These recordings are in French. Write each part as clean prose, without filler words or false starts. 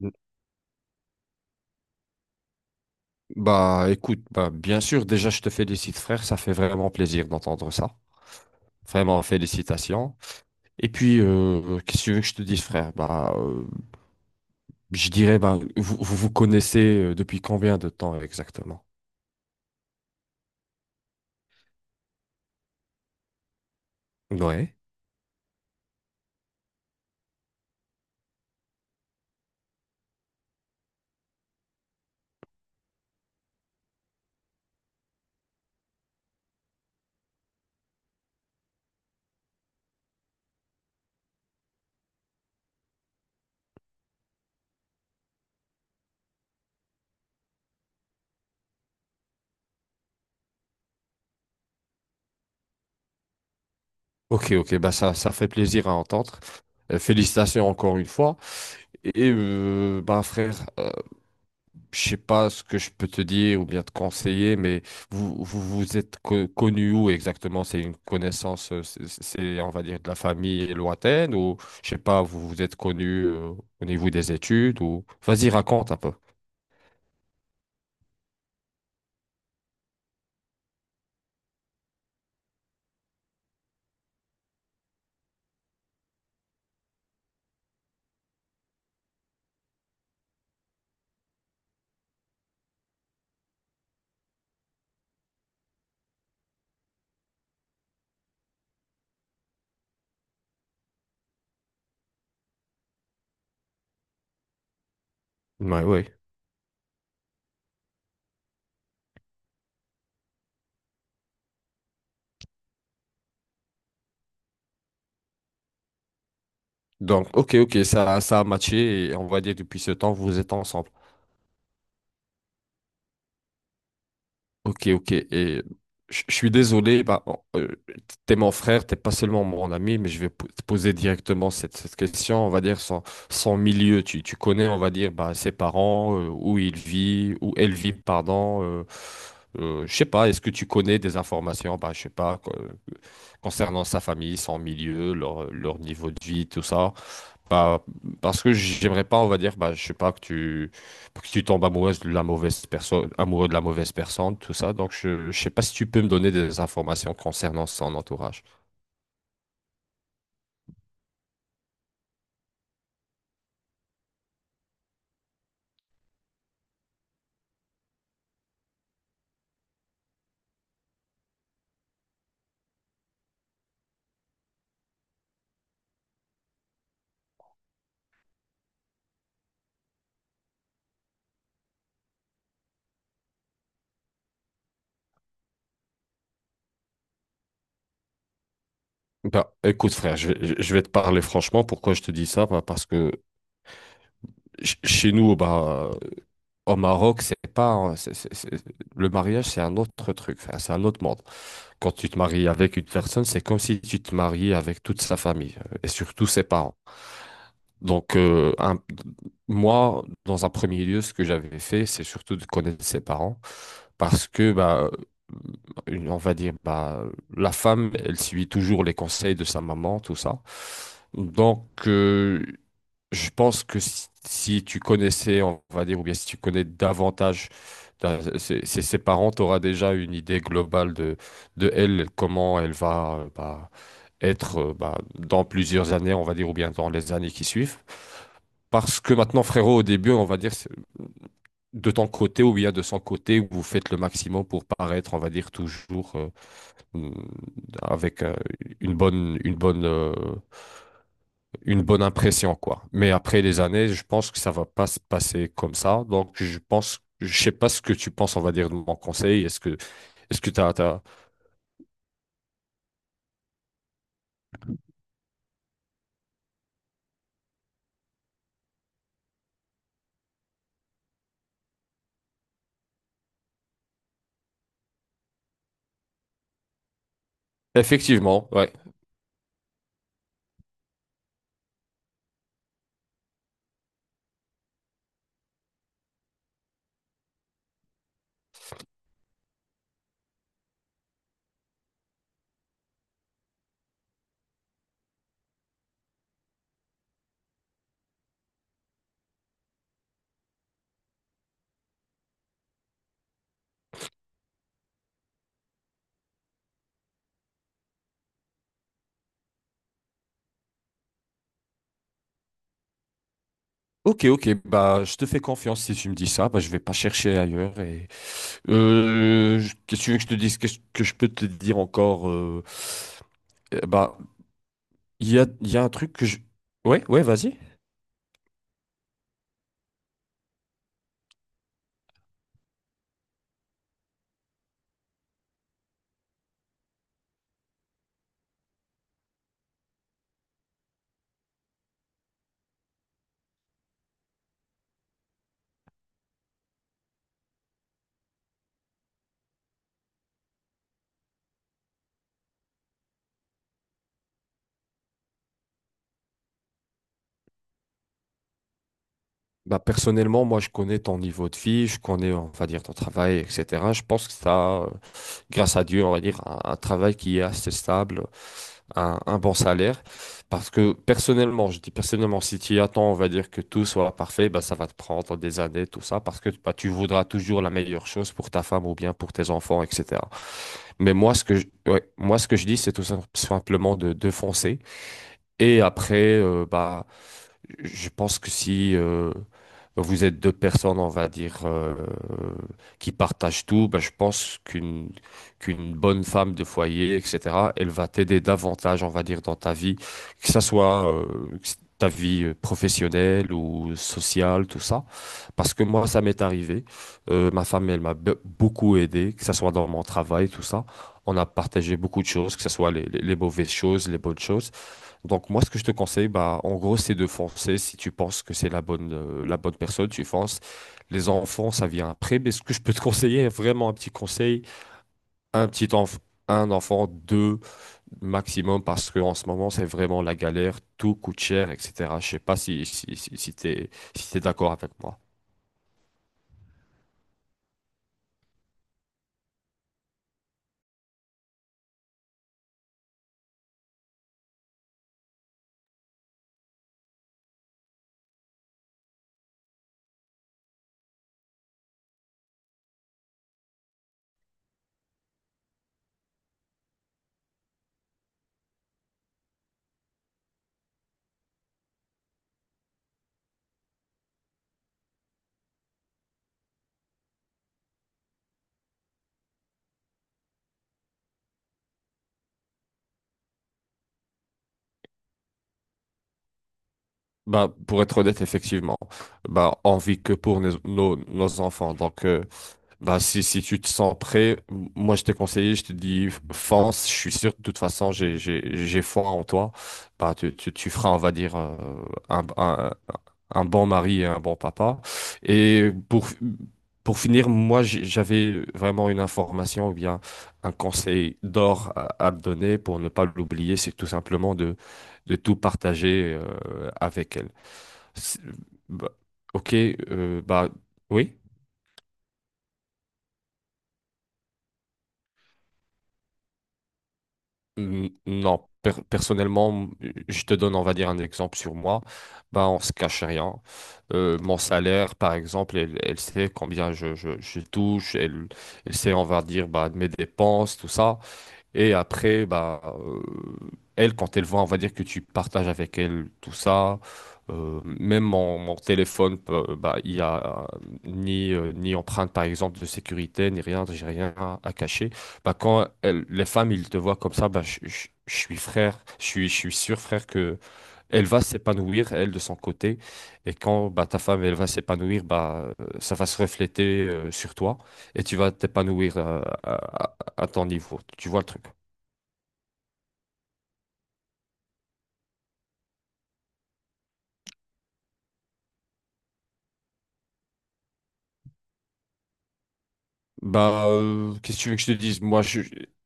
Mm. Bah écoute, bah, bien sûr, déjà je te félicite frère, ça fait vraiment plaisir d'entendre ça. Vraiment, félicitations. Et puis, qu'est-ce que tu veux que je te dise frère? Bah, je dirais, bah, vous vous connaissez depuis combien de temps exactement? Ouais. Ok, ok, bah ça fait plaisir à entendre. Félicitations encore une fois. Et bah frère, je sais pas ce que je peux te dire ou bien te conseiller, mais vous êtes connu où exactement? C'est une connaissance, c'est, on va dire, de la famille lointaine ou je sais pas, vous vous êtes connu au niveau des études ou. Vas-y, raconte un peu. Ouais, ouais. Donc, ok, ok, ça a matché et on va dire depuis ce temps, vous êtes ensemble. Ok, ok. Et je suis désolé, bah, bon, t'es mon frère, t'es pas seulement mon ami, mais je vais te poser directement cette question, on va dire, son milieu. Tu connais, on va dire, bah, ses parents, où il vit, où elle vit, pardon. Je sais pas, est-ce que tu connais des informations, bah, je sais pas, concernant sa famille, son milieu, leur niveau de vie, tout ça? Bah, parce que j'aimerais pas, on va dire, bah, je sais pas, que tu tombes amoureuse de la mauvaise personne, amoureux de la mauvaise personne, tout ça. Donc, je sais pas si tu peux me donner des informations concernant son entourage. Bah, écoute, frère, je vais te parler franchement. Pourquoi je te dis ça? Bah, parce que chez nous, bah, au Maroc, c'est pas le mariage, c'est un autre truc, enfin, c'est un autre monde. Quand tu te maries avec une personne, c'est comme si tu te mariais avec toute sa famille et surtout ses parents. Donc, moi, dans un premier lieu, ce que j'avais fait, c'est surtout de connaître ses parents parce que, bah, on va dire, bah, la femme, elle suit toujours les conseils de sa maman, tout ça. Donc, je pense que si tu connaissais, on va dire, ou bien si tu connais davantage ses parents, tu auras déjà une idée globale de elle, comment elle va être dans plusieurs années, on va dire, ou bien dans les années qui suivent. Parce que maintenant, frérot, au début, on va dire, de ton côté ou bien de son côté, vous faites le maximum pour paraître, on va dire, toujours mm, avec une bonne, une bonne, euh, une bonne impression, quoi. Mais après les années, je pense que ça va pas se passer comme ça. Donc, je pense, je sais pas ce que tu penses, on va dire, de mon conseil. Est-ce que t'as. Effectivement, ouais. Ok, ok, bah, je te fais confiance si tu me dis ça, bah, je vais pas chercher ailleurs. Et. Qu'est-ce que tu veux que je te dise, qu'est-ce que je peux te dire encore bah, il y a un truc que je. Ouais, ouais, vas-y. Bah, personnellement, moi, je connais ton niveau de vie, je connais, on va dire, ton travail, etc. Je pense que ça, grâce à Dieu, on va dire, un travail qui est assez stable, un bon salaire. Parce que personnellement, je dis personnellement, si tu attends, on va dire que tout soit parfait, bah, ça va te prendre des années, tout ça, parce que bah, tu voudras toujours la meilleure chose pour ta femme ou bien pour tes enfants, etc. Mais moi, ce que je, ouais, moi, ce que je dis, c'est tout simplement de foncer. Et après, bah, je pense que si vous êtes deux personnes, on va dire, qui partagent tout, ben, je pense qu'une bonne femme de foyer, etc., elle va t'aider davantage, on va dire, dans ta vie, que ça soit que ta vie professionnelle ou sociale, tout ça. Parce que moi, ça m'est arrivé. Ma femme, elle m'a beaucoup aidé, que ça soit dans mon travail, tout ça. On a partagé beaucoup de choses, que ce soit les mauvaises choses, les bonnes choses. Donc moi, ce que je te conseille, bah, en gros, c'est de foncer. Si tu penses que c'est la bonne personne, tu fonces. Les enfants, ça vient après. Mais ce que je peux te conseiller, vraiment un petit conseil, un petit enf- un enfant, deux maximum, parce que en ce moment, c'est vraiment la galère. Tout coûte cher, etc. Je sais pas si t'es d'accord avec moi. Bah, pour être honnête, effectivement, bah, on vit que pour nos enfants. Donc, bah, si tu te sens prêt, moi je t'ai conseillé, je te dis fonce, je suis sûr, de toute façon j'ai foi en toi. Bah, tu feras, on va dire, un, un, un bon mari et un bon papa. Et pour finir, moi j'avais vraiment une information ou bien un conseil d'or à te donner pour ne pas l'oublier, c'est tout simplement de tout partager avec elle. C'est- bah, ok, bah oui. Non, personnellement, je te donne, on va dire, un exemple sur moi. Bah, on se cache rien. Mon salaire, par exemple, elle, elle sait combien je touche. Elle, elle sait, on va dire, bah, mes dépenses, tout ça. Et après, bah, elle, quand elle voit, on va dire que tu partages avec elle tout ça. Même mon téléphone, bah, il y a ni empreinte, par exemple, de sécurité, ni rien, j'ai rien à cacher. Bah, quand les femmes, ils te voient comme ça, bah, je suis frère, je suis sûr, frère, que elle va s'épanouir, elle, de son côté. Et quand bah, ta femme, elle va s'épanouir, bah, ça va se refléter sur toi et tu vas t'épanouir à- à ton niveau. Tu vois le truc? Bah, qu'est-ce que tu veux que je te dise? Moi,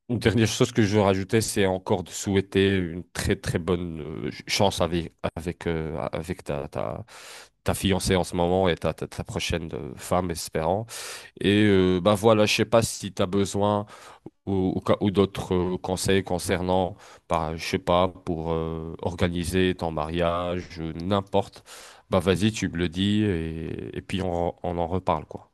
une dernière chose que je veux rajouter, c'est encore de souhaiter une très très bonne chance avec ta fiancée en ce moment et ta prochaine femme, espérant. Et bah voilà, je sais pas si tu as besoin ou d'autres conseils concernant, bah, je sais pas, pour organiser ton mariage, n'importe. Bah vas-y, tu me le dis et puis on en reparle quoi.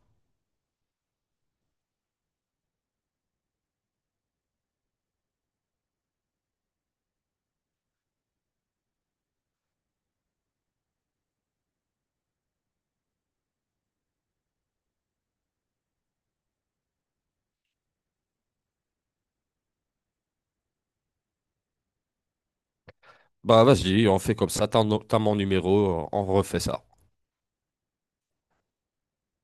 Bah vas-y, on fait comme ça, t'as no- t'as mon numéro, on refait ça.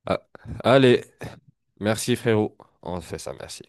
Ah, allez, merci frérot, on fait ça, merci.